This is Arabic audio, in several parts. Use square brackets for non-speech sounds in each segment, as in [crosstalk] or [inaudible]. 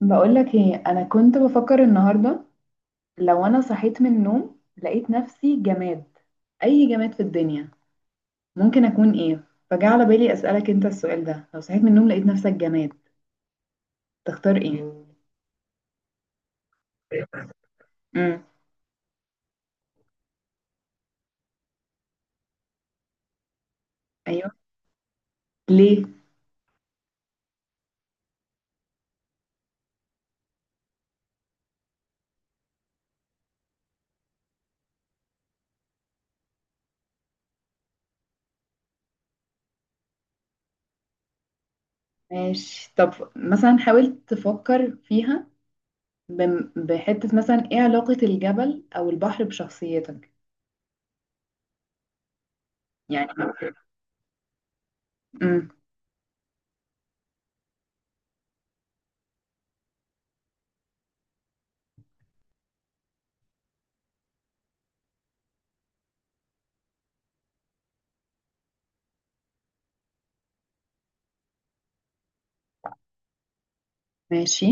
بقولك ايه؟ انا كنت بفكر النهارده، لو انا صحيت من النوم لقيت نفسي جماد، اي جماد في الدنيا ممكن اكون؟ ايه فجاء على بالي اسالك انت السؤال ده. لو صحيت من النوم لقيت نفسك جماد تختار ايه؟ امم ايوه. ليه؟ ماشي. طب مثلا حاولت تفكر فيها، بحته، مثلا ايه علاقه الجبل او البحر بشخصيتك؟ يعني امم ماشي.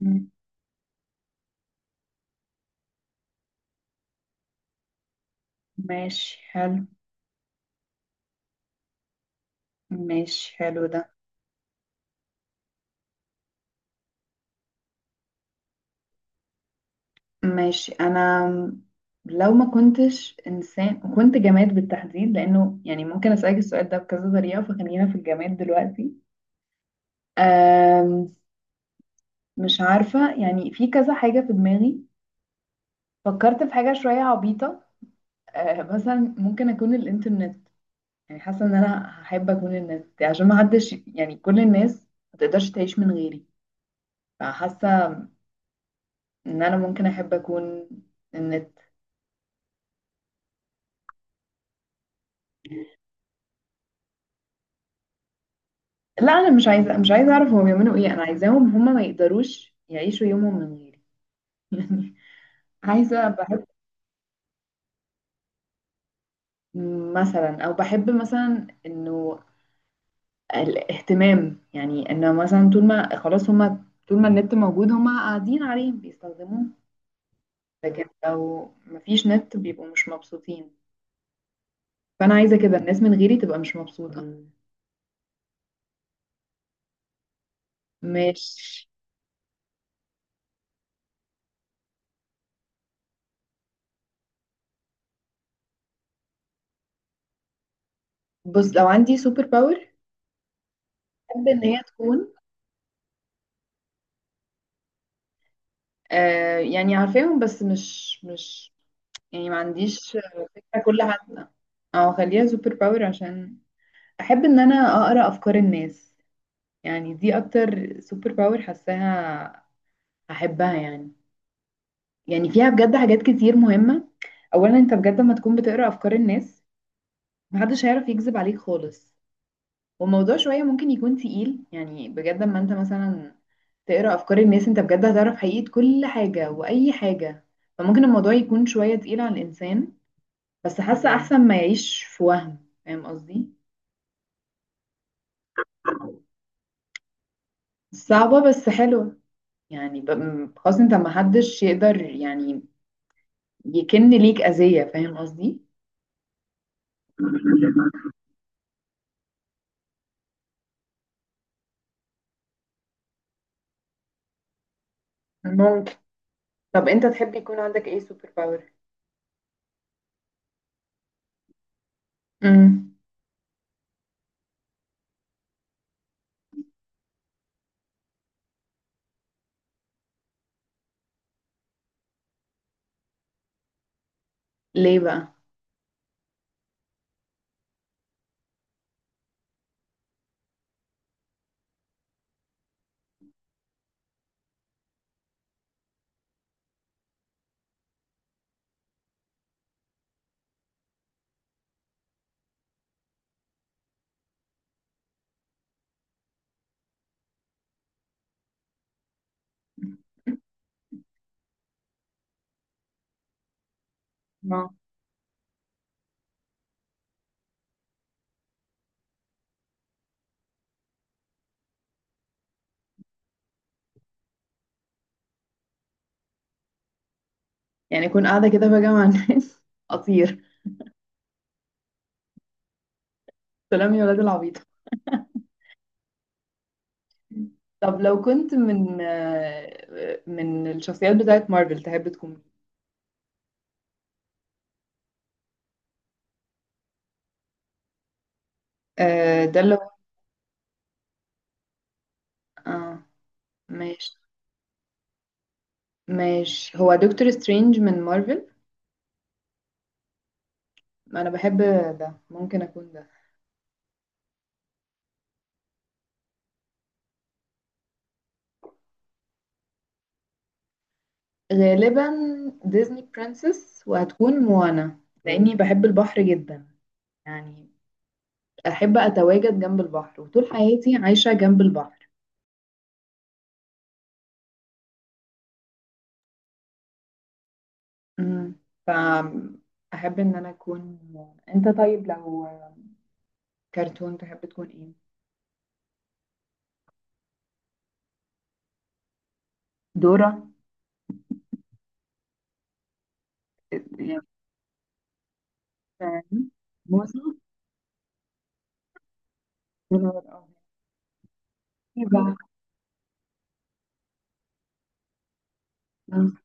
مم. ماشي، حلو. ماشي، حلو ده. ماشي، انا لو ما كنتش انسان وكنت جماد بالتحديد، لانه يعني ممكن اسالك السؤال ده بكذا طريقه، فخلينا في الجماد دلوقتي. أم مش عارفه، يعني في كذا حاجه في دماغي. فكرت في حاجه شويه عبيطه، مثلا ممكن اكون الانترنت. يعني حاسه ان انا هحب اكون النت عشان ما حدش، يعني كل الناس ما تقدرش تعيش من غيري. فحاسه ان انا ممكن احب اكون النت. لا انا مش عايزه، مش عايزه اعرف هم بيعملوا ايه، انا عايزاهم هم ما يقدروش يعيشوا يومهم من غيري. [laughs] يعني عايزه، بحب مثلا، او بحب مثلا انه الاهتمام، يعني انه مثلا طول ما خلاص هم، طول ما النت موجود هم قاعدين عليه بيستخدموه، لكن لو مفيش نت بيبقوا مش مبسوطين. فانا عايزه كده الناس من غيري تبقى مش مبسوطه، مش... بص لو عندي سوبر باور، احب ان هي تكون... آه يعني عارفاهم بس مش، يعني ما عنديش كل حد. او خليها سوبر باور عشان احب ان انا اقرا افكار الناس. يعني دي اكتر سوبر باور حاساها احبها، يعني يعني فيها بجد حاجات كتير مهمة. اولا انت بجد لما تكون بتقرا افكار الناس محدش هيعرف يكذب عليك خالص. والموضوع شوية ممكن يكون تقيل، يعني بجد لما انت مثلا تقرا افكار الناس انت بجد هتعرف حقيقة كل حاجة واي حاجة، فممكن الموضوع يكون شوية تقيل على الانسان، بس حاسة احسن ما يعيش في وهم. فاهم قصدي؟ صعبة بس حلوة، يعني خلاص انت ما حدش يقدر يعني يكن ليك أذية. فاهم قصدي؟ ممكن. طب انت تحب يكون عندك ايه سوبر باور؟ امم ليه بقى؟ اه. يعني اكون قاعدة كده بقى مع الناس [laughs] اطير؟ سلام يا ولاد العبيط. طب لو كنت من من الشخصيات بتاعت مارفل تحب تكون مين؟ ده اللي هو... اه، ماشي. ماشي، هو دكتور سترينج من مارفل، انا بحب ده، ممكن اكون ده. غالبا ديزني برنسس، وهتكون موانا لاني بحب البحر جدا، يعني احب اتواجد جنب البحر وطول حياتي عايشة جنب البحر. امم ف احب ان انا اكون موانا. انت طيب لو كرتون تحب تكون ايه؟ دورة؟ يعني فاهم؟ موسى. يا نهار أبيض. إيه بقى؟ مم.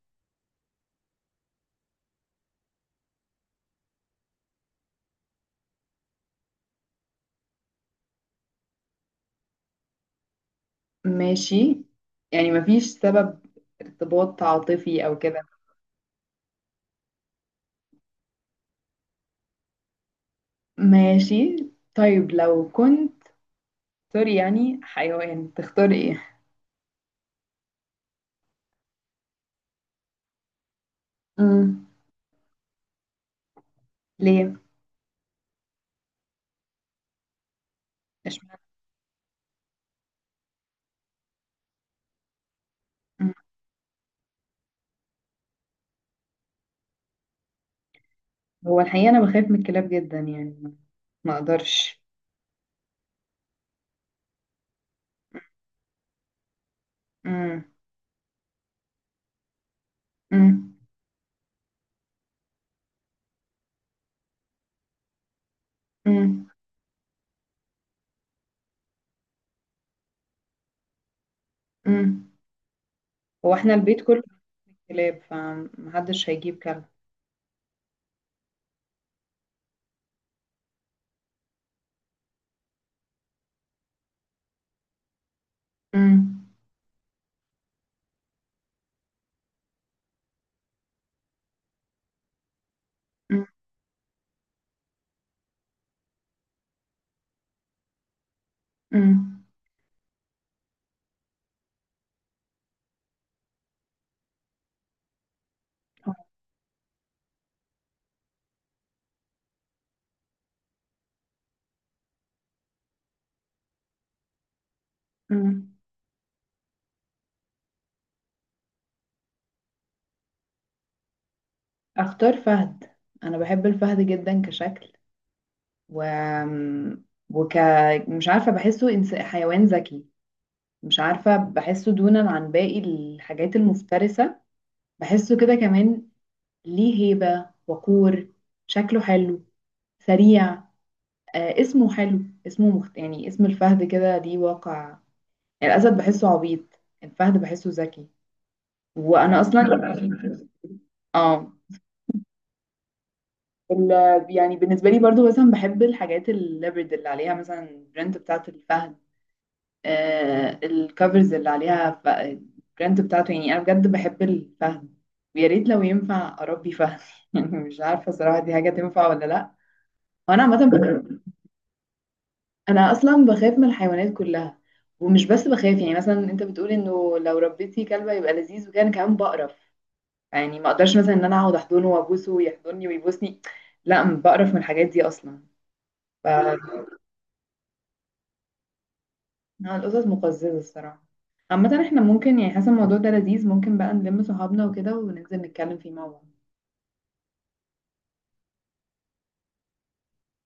ماشي، يعني مفيش سبب، ارتباط عاطفي او كده؟ ماشي. طيب لو كنت سوري يعني حيوان تختار ايه؟ امم ليه؟ اشمعنى؟ مم. هو الحقيقة انا بخاف من الكلاب جدا، يعني ما اقدرش. مم. مم. مم. مم. هو احنا البيت كله كلاب، فمحدش هيجيب كلب. مم. مم. مم. مم. اختار فهد. انا بحب الفهد جدا كشكل، و... وك... مش عارفه بحسه إنس... حيوان ذكي. مش عارفه بحسه دونا عن باقي الحاجات المفترسه، بحسه كده كمان ليه هيبة، وقور، شكله حلو، سريع، آه اسمه حلو. اسمه مخت... يعني اسم الفهد كده دي واقع، يعني الأسد بحسه عبيط، الفهد بحسه ذكي. وأنا أصلا اه ال... يعني بالنسبة لي برضو مثلا بحب الحاجات الليبرد اللي عليها مثلا البرنت بتاعت الفهد، آه الكفرز اللي عليها، ف... البرنت بتاعته. يعني أنا بجد بحب الفهد، ويا ريت لو ينفع أربي فهد [laughs] يعني مش عارفة صراحة دي حاجة تنفع ولا لأ. انا عامه ب... انا اصلا بخاف من الحيوانات كلها. ومش بس بخاف، يعني مثلا انت بتقول انه لو ربيتي كلبه يبقى لذيذ، وكان كمان بقرف، يعني ما اقدرش مثلا ان انا اقعد احضنه وابوسه ويحضني ويبوسني. لا، بقرف من الحاجات دي اصلا. ف [laughs] القطط مقززه الصراحه. عامه احنا ممكن يعني حسب الموضوع ده لذيذ، ممكن بقى نلم صحابنا وكده وننزل نتكلم فيه مع بعض.